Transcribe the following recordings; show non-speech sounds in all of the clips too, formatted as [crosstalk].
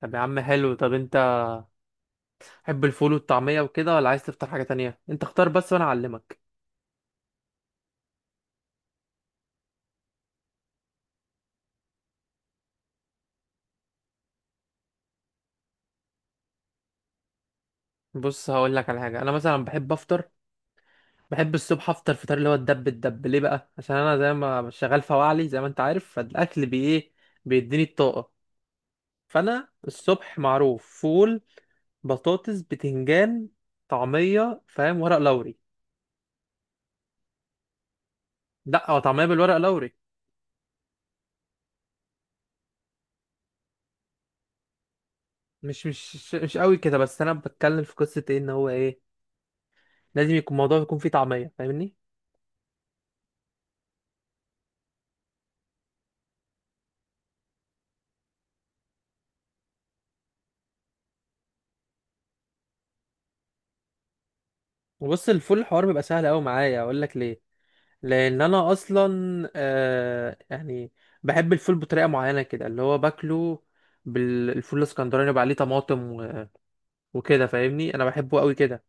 طب يا عم حلو. طب انت تحب الفول والطعمية وكده، ولا عايز تفطر حاجة تانية؟ انت اختار بس وانا اعلمك. بص هقول لك على حاجة. انا مثلا بحب افطر، بحب الصبح افطر فطار اللي هو الدب. ليه بقى؟ عشان انا زي ما شغال فواعلي زي ما انت عارف، فالاكل بي ايه بيديني الطاقة. فانا الصبح معروف فول، بطاطس، بتنجان، طعمية، فاهم؟ ورق لوري. لا، هو طعمية بالورق لوري. مش قوي كده، بس انا بتكلم في قصة ايه، ان هو ايه لازم يكون الموضوع يكون فيه طعمية، فاهمني؟ بص الفول الحوار بيبقى سهل قوي معايا، اقول لك ليه؟ لان انا اصلا، آه يعني بحب الفول بطريقه معينه كده اللي هو باكله. بالفول الاسكندراني يبقى عليه طماطم وكده، فاهمني؟ انا بحبه قوي كده.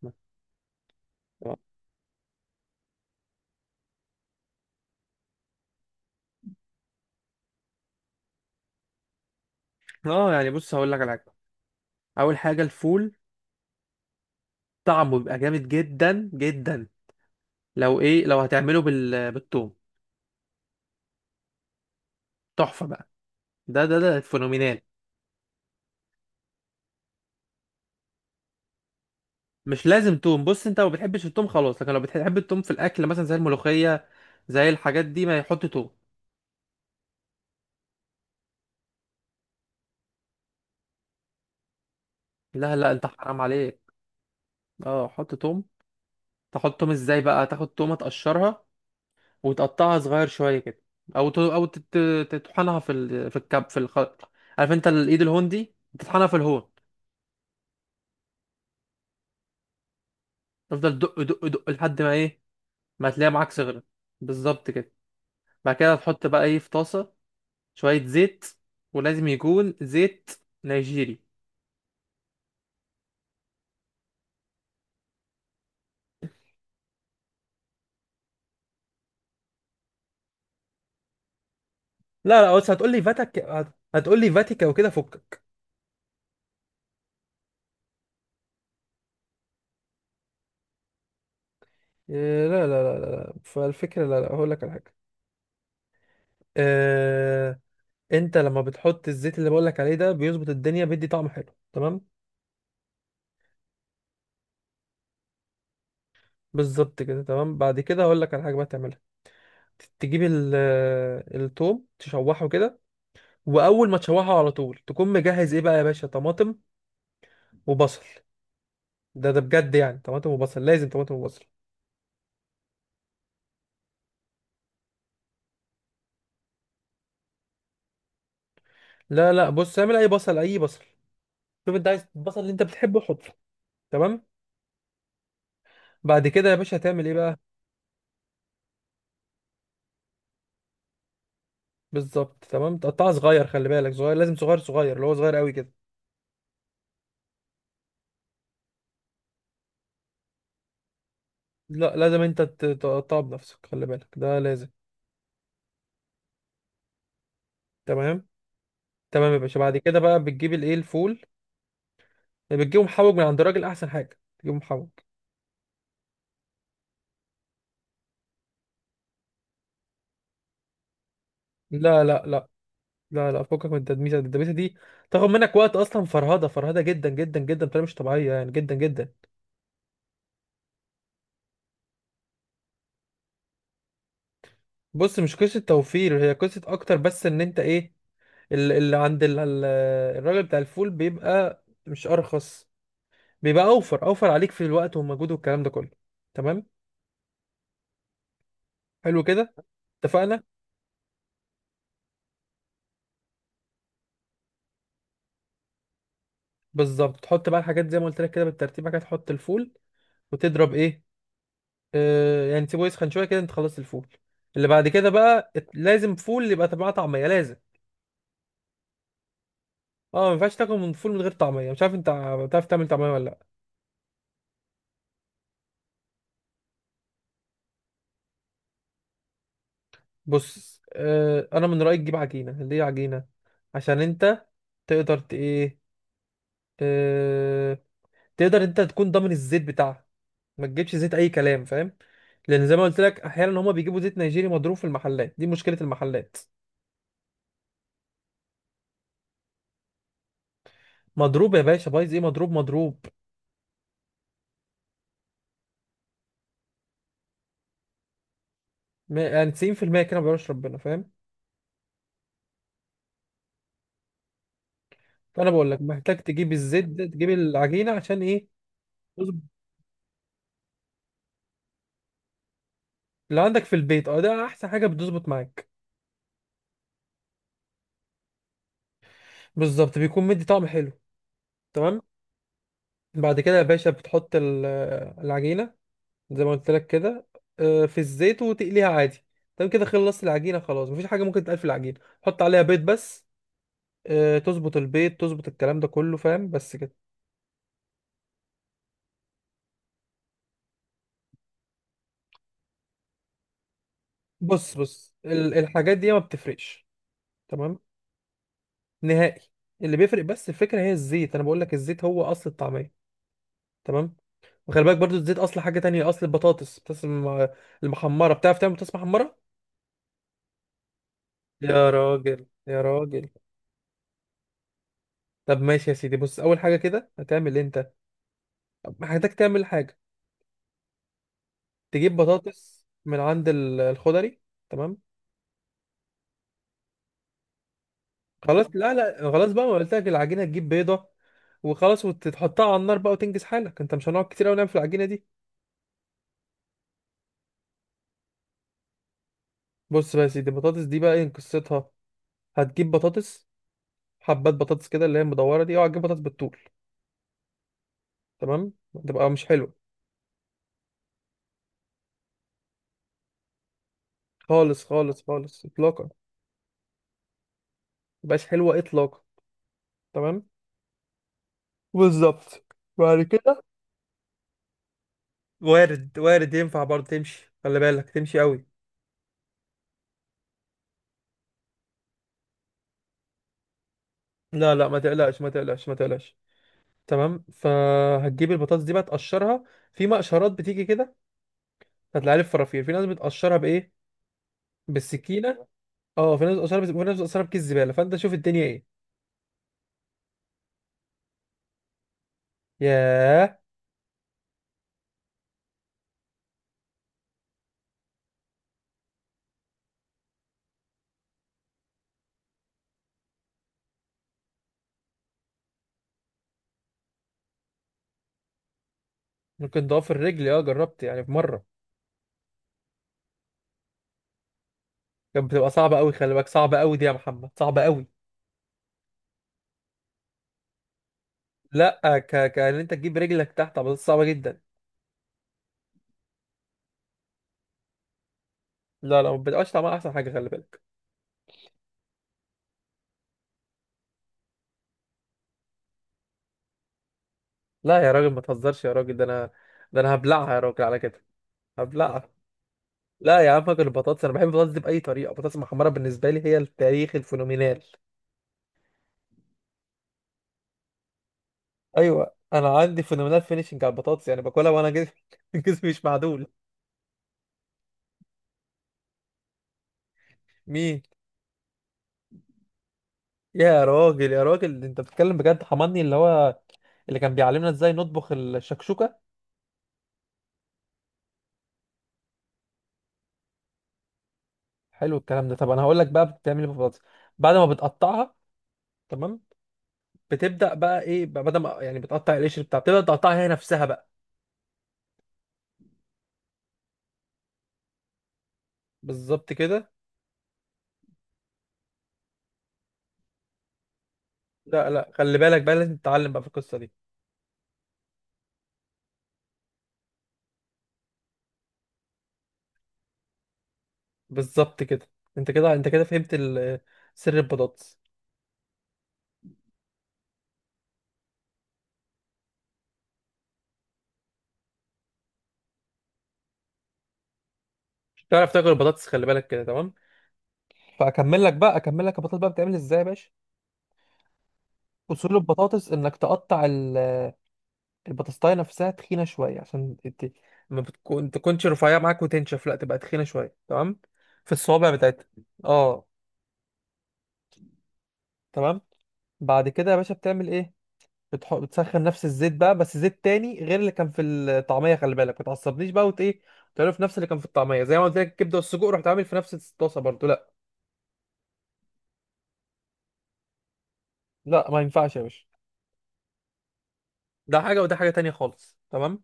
اه يعني، بص هقول لك على حاجه. اول حاجه الفول طعمه بيبقى جامد جدا جدا، لو ايه؟ لو هتعمله بالثوم، تحفه بقى. ده فينومينال. مش لازم توم، بص انت لو بتحبش التوم خلاص، لكن لو بتحب التوم في الاكل مثلا زي الملوخيه، زي الحاجات دي، ما يحط توم. لا لا، انت حرام عليك. اه حط توم. تحط توم ازاي بقى؟ تاخد تومه، تقشرها وتقطعها صغير شويه كده، او ت... او تت... تطحنها في الخلط، عارف انت الايد الهندي؟ تطحنها في الهون. تفضل دق دق دق لحد ما ايه، ما تلاقي معاك صغرت. بالظبط كده. بعد كده تحط بقى ايه؟ في طاسه شويه زيت، ولازم يكون زيت نيجيري. لا لا، بس هتقول لي فاتك، هتقول لي فاتيكا وكده، فكك. إيه، لا لا لا لا لا. فالفكرة لا لا هقول لك على حاجة، آه، انت لما بتحط الزيت اللي بقولك عليه ده، بيظبط الدنيا، بيدي طعم حلو تمام. بالظبط كده، تمام. بعد كده هقولك على حاجه بقى تعملها، تجيب التوم تشوحه كده. واول ما تشوحه على طول تكون مجهز ايه بقى يا باشا؟ طماطم وبصل، ده بجد يعني، طماطم وبصل، لازم طماطم وبصل. لا لا، بص اعمل اي بصل اي بصل، شوف انت عايز البصل اللي انت بتحبه حطه، تمام. بعد كده يا باشا هتعمل ايه بقى؟ بالظبط تمام، تقطعها صغير، خلي بالك صغير، لازم صغير صغير، اللي هو صغير قوي كده. لا لازم انت تقطعه بنفسك، خلي بالك ده لازم. تمام. تمام يا باشا، بعد كده بقى بتجيب الايه الفول، بتجيبه محوج من عند الراجل، احسن حاجه تجيبه محوج. لا لا لا لا لا، فكك من التدميسه دي، التدميسه دي تاخد منك وقت اصلا، فرهده، فرهده جدا جدا جدا بطريقه مش طبيعيه، يعني جدا جدا. بص مش قصه توفير، هي قصه اكتر بس، ان انت ايه، اللي عند الراجل بتاع الفول بيبقى مش ارخص، بيبقى اوفر، اوفر عليك في الوقت والمجهود والكلام ده كله. تمام، حلو كده، اتفقنا. بالظبط، تحط بقى الحاجات زي ما قلت لك كده بالترتيب. بعد كده تحط الفول وتضرب ايه، آه يعني تسيبه يسخن شويه كده، انت خلصت الفول. اللي بعد كده بقى لازم فول يبقى طبعا، طعميه لازم. اه ما ينفعش تاكل من فول من غير طعميه، مش عارف انت بتعرف تعمل طعميه ولا لا؟ بص آه، انا من رايي تجيب عجينه، ليه عجينه؟ عشان انت تقدر ايه، آه، تقدر انت تكون ضامن الزيت بتاعها، ما تجيبش زيت اي كلام، فاهم؟ لان زي ما قلت لك احيانا هما بيجيبوا زيت نيجيري مضروب في المحلات، دي مشكله المحلات. مضروب يا باشا، بايظ ايه، مضروب مضروب. يعني 90% كده ما بيعرفش ربنا، فاهم؟ فانا بقول لك محتاج تجيب الزيت ده، تجيب العجينه عشان ايه؟ تظبط. اللي عندك في البيت اه، ده احسن حاجه بتظبط معاك. بالظبط بيكون مدي طعم حلو، تمام. بعد كده يا باشا بتحط العجينه زي ما قلت لك كده، آه، في الزيت وتقليها عادي. تمام كده خلصت العجينه، خلاص مفيش حاجه ممكن تتقال في العجينه، حط عليها بيض بس، آه، تظبط البيض تظبط الكلام ده كله، فاهم؟ بس كده. بص الحاجات دي ما بتفرقش، تمام، نهائي. اللي بيفرق بس الفكره هي الزيت، انا بقول لك الزيت هو اصل الطعميه، تمام. وخلي بالك برضو الزيت اصل حاجه تانية، اصل البطاطس، بطاطس المحمره، بتعرف تعمل بطاطس محمره؟ يا راجل، يا راجل. طب ماشي يا سيدي، بص اول حاجه كده هتعمل انت، محتاج تعمل حاجه، تجيب بطاطس من عند الخضري، تمام. خلاص لا لا، خلاص بقى ما قلت لك العجينه تجيب بيضه وخلاص، وتحطها على النار بقى وتنجز حالك، انت مش هنقعد كتير قوي نعمل في العجينه دي. بص بقى يا سيدي، البطاطس دي بقى ايه قصتها، هتجيب بطاطس، حبات بطاطس كده اللي هي المدوره دي، اوعى تجيب بطاطس بالطول، تمام، تبقى مش حلوه. خالص خالص خالص اطلاقا، مبقاش حلوه اطلاقا، تمام. بالظبط. بعد كده وارد وارد، ينفع برضه تمشي، خلي بالك تمشي قوي. لا لا، ما تقلقش، ما تقلقش، ما تقلقش. تمام، فهتجيب البطاطس دي بقى تقشرها. في مقشرات بتيجي كده، هتلاقيها لي في فرافير. في ناس بتقشرها بايه؟ بالسكينه. اه في ناس بتقشرها وفي ناس بتقشرها بكيس زباله، فانت شوف الدنيا ايه. ياه. ممكن ضعف الرجل، اه جربت يعني في مره. كانت بتبقى صعبة قوي، خلي بالك صعبة قوي دي يا محمد، صعبة قوي. لا، ك، ان انت تجيب رجلك تحت عملية صعبة جدا. لا لا، ما بتبقاش طعمها احسن حاجة، خلي بالك. لا يا راجل ما تهزرش يا راجل، ده انا هبلعها يا راجل على كده، هبلعها. لا يا عم فاكر، البطاطس انا بحب البطاطس دي بأي طريقة، البطاطس المحمرة بالنسبة لي هي التاريخ الفينومينال. ايوه، انا عندي فينومينال فينيشنج على البطاطس، يعني باكلها وانا جسمي [laughs] جسمي مش معدول. مين؟ يا راجل يا راجل، انت بتتكلم بجد؟ حماني اللي هو اللي كان بيعلمنا ازاي نطبخ الشكشوكة. حلو الكلام ده، طب انا هقول لك بقى بتعمل ايه بالبطاطس بعد ما بتقطعها. تمام، بتبدا بقى ايه بقى، بدل ما يعني بتقطع القشر بتاع، بتبدا تقطعها هي نفسها بقى. بالظبط كده. لا لا خلي بالك بقى لازم تتعلم بقى في القصه دي. بالظبط كده، انت كده فهمت سر البطاطس. مش تعرف تاكل البطاطس، خلي بالك كده، تمام. فاكمل لك بقى اكمل لك البطاطس بقى، بتعمل ازاي يا باشا؟ اصول البطاطس انك تقطع البطاطاية نفسها تخينة شوية، عشان ما بتكون تكونش رفيعة معاك وتنشف، لا تبقى تخينة شوية، تمام، في الصوابع بتاعتها. اه، تمام. بعد كده يا باشا بتعمل ايه؟ بتسخن نفس الزيت بقى، بس زيت تاني غير اللي كان في الطعمية، خلي بالك ما تعصبنيش بقى، ايه تعمله في نفس اللي كان في الطعمية زي ما قلت لك الكبدة والسجق، رحت عامل في نفس الطاسة برضو، لا. لا ما ينفعش يا باشا، ده حاجة وده حاجة تانية خالص، تمام.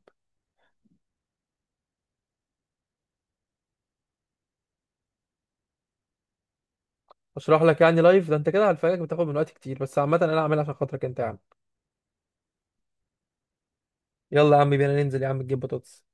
اشرح لك يعني لايف ده، انت كده هتفاجئك، بتاخد من وقت كتير، بس عامة انا هعملها عشان خاطرك انت يا عم. يلا يا عم بينا ننزل يا عم نجيب بطاطس.